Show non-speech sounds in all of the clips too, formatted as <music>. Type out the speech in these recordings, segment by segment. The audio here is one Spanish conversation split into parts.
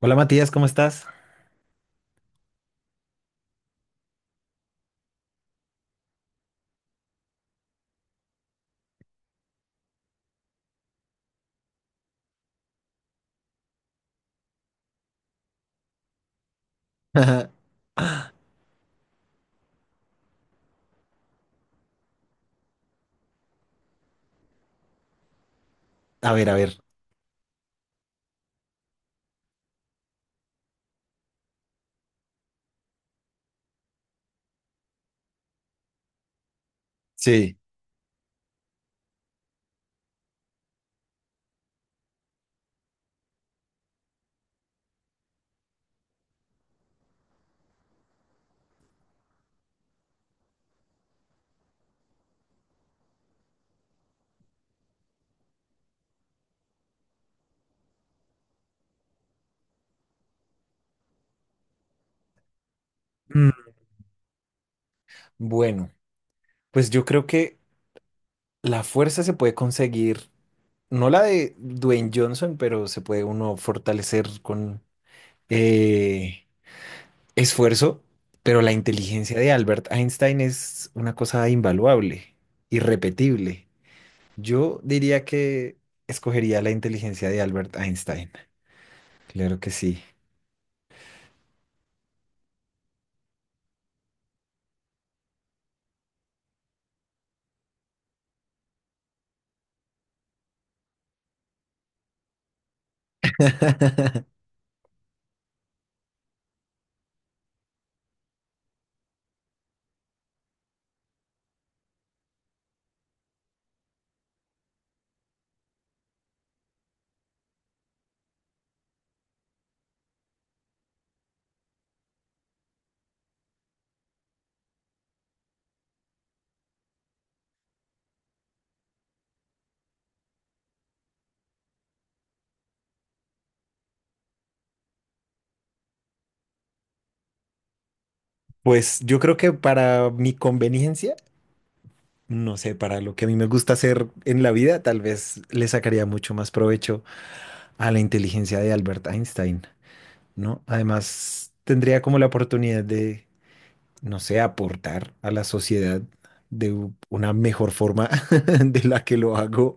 Hola Matías, ¿cómo estás? <laughs> A ver, a ver. Sí. Mm, bueno, pues yo creo que la fuerza se puede conseguir, no la de Dwayne Johnson, pero se puede uno fortalecer con eh, esfuerzo, pero la inteligencia de Albert Einstein es una cosa invaluable, irrepetible. Yo diría que escogería la inteligencia de Albert Einstein. Claro que sí. <laughs> Pues yo creo que para mi conveniencia, no sé, para lo que a mí me gusta hacer en la vida, tal vez le sacaría mucho más provecho a la inteligencia de Albert Einstein, ¿no? Además, tendría como la oportunidad de, no sé, aportar a la sociedad de una mejor forma <laughs> de la que lo hago.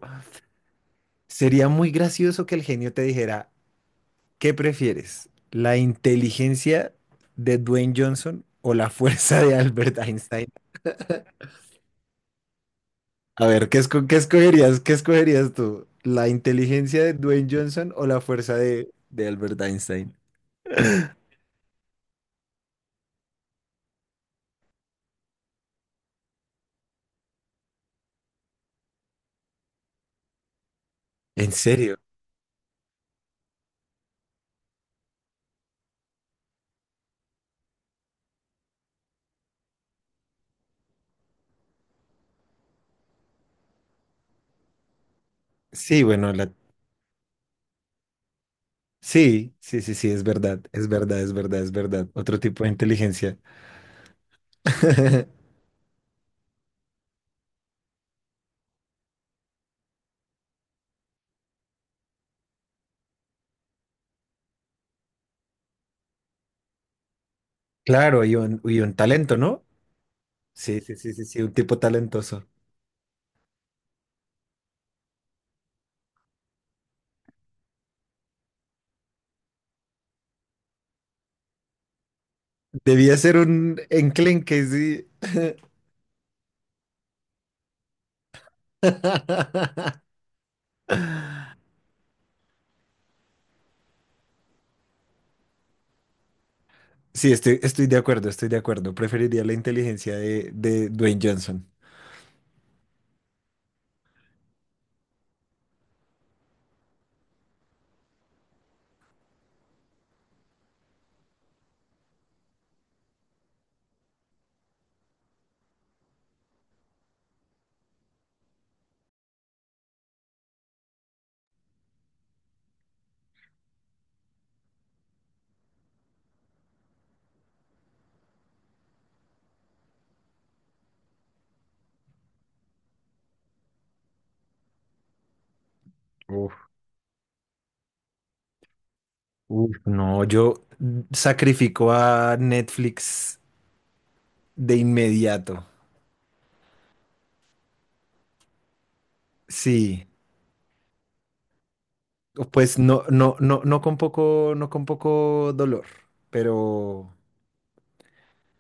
Sería muy gracioso que el genio te dijera, ¿qué prefieres? ¿La inteligencia de Dwayne Johnson o la fuerza de Albert Einstein? A ver, ¿ qué escogerías? ¿Qué escogerías tú? ¿La inteligencia de Dwayne Johnson o la fuerza de Albert Einstein? ¿En serio? Sí, bueno, la... sí, sí, sí, sí, es verdad, es verdad, es verdad, es verdad. Otro tipo de inteligencia. <laughs> Claro, y un talento, ¿no? Sí, sí, sí, sí, sí, un tipo talentoso. Debía ser un enclenque, sí. <laughs> Sí, estoy, estoy de acuerdo, estoy de acuerdo. Preferiría la inteligencia de Dwayne Johnson. Uf. Uf, no, yo sacrifico a Netflix de inmediato. Sí, o pues no, no, no, no con poco, no con poco dolor, pero,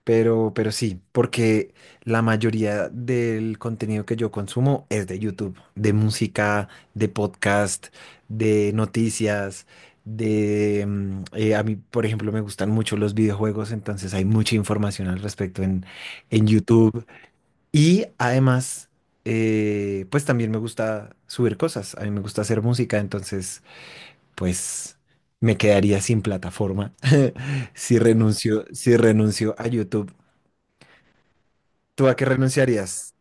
pero sí, porque la mayoría del contenido que yo consumo es de YouTube, de música, de podcast, de noticias, de, a mí, por ejemplo, me gustan mucho los videojuegos, entonces hay mucha información al respecto en YouTube. Y además, pues también me gusta subir cosas, a mí me gusta hacer música, entonces, pues me quedaría sin plataforma <laughs> si renuncio, si renuncio a YouTube. ¿Tú a qué renunciarías?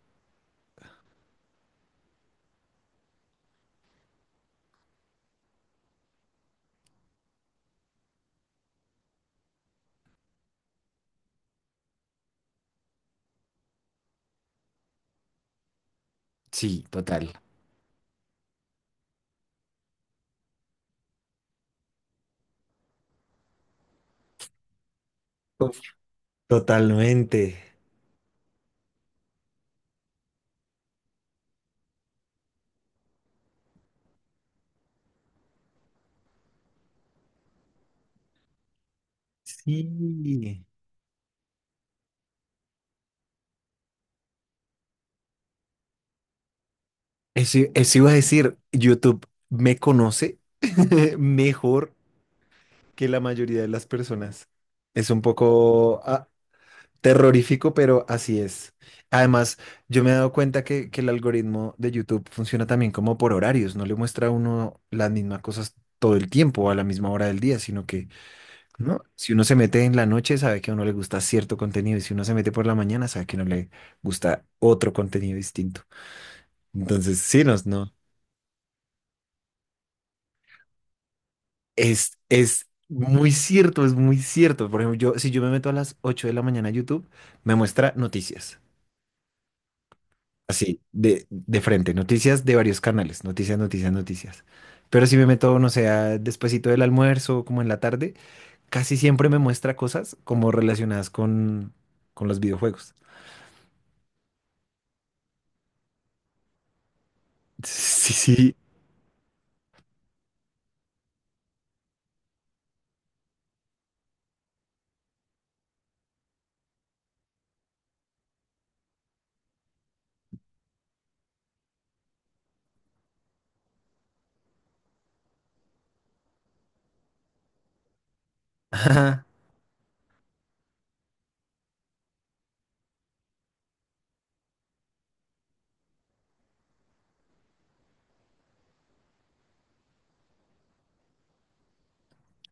Sí, total. Uf, totalmente. Sí. Eso iba a decir, YouTube me conoce <laughs> mejor que la mayoría de las personas. Es un poco, a- terrorífico, pero así es. Además, yo me he dado cuenta que el algoritmo de YouTube funciona también como por horarios, no le muestra a uno las mismas cosas todo el tiempo o a la misma hora del día, sino que, ¿no? Si uno se mete en la noche, sabe que a uno le gusta cierto contenido, y si uno se mete por la mañana, sabe que no le gusta otro contenido distinto. Entonces, sí, no, no. Es muy cierto, es muy cierto. Por ejemplo, yo, si yo me meto a las 8 de la mañana a YouTube, me muestra noticias. Así, de frente, noticias de varios canales, noticias, noticias, noticias. Pero si me meto, no sé, a- despuesito del almuerzo, como en la tarde, casi siempre me muestra cosas como relacionadas con los videojuegos. Sí, sí. Ajá.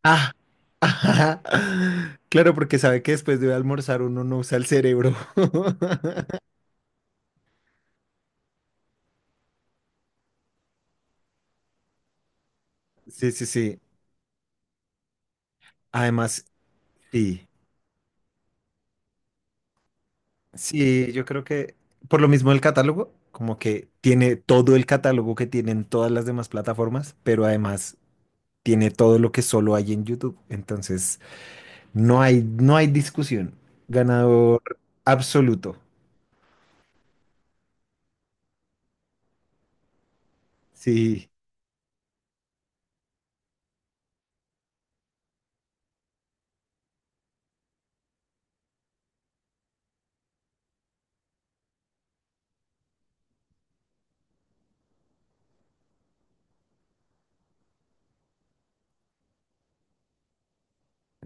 Ah, <laughs> ajá. Claro, porque sabe que después de almorzar uno no usa el cerebro. <laughs> Sí, sí, sí. Además, sí. Sí, yo creo que por lo mismo el catálogo, como que tiene todo el catálogo que tienen todas las demás plataformas, pero además tiene todo lo que solo hay en YouTube. Entonces, no hay, no hay discusión. Ganador absoluto. Sí,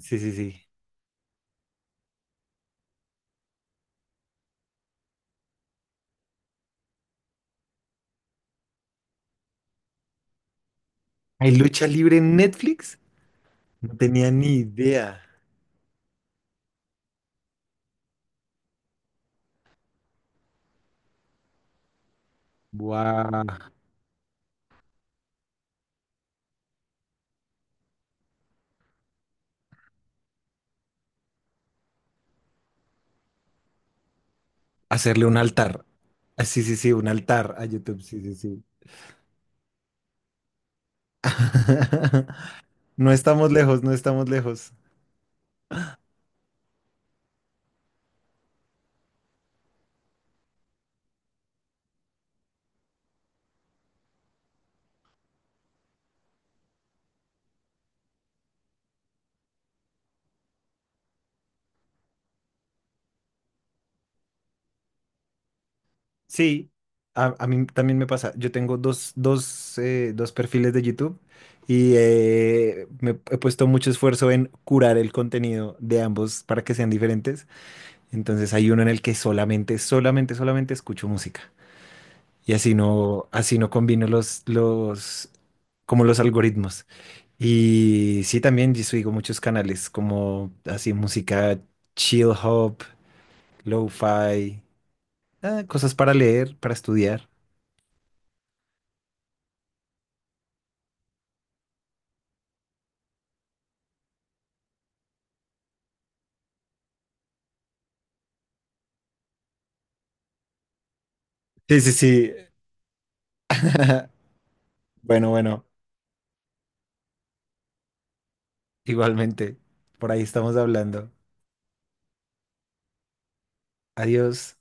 sí, sí, sí. ¿Hay lucha libre en Netflix? No tenía ni idea. Hacerle un altar. Ah, sí, sí, sí, un altar a YouTube. Sí, sí, sí. <laughs> No estamos lejos, no estamos lejos. Sí, a mí también me pasa. Yo tengo dos, dos perfiles de YouTube y me he puesto mucho esfuerzo en curar el contenido de ambos para que sean diferentes. Entonces hay uno en el que solamente escucho música. Y así no combino como los algoritmos. Y sí, también yo sigo muchos canales como así música chill hop, lo-fi, ah, cosas para leer, para estudiar. Sí, sí, sí. <laughs> Bueno, bueno, igualmente. Por ahí estamos hablando. Adiós.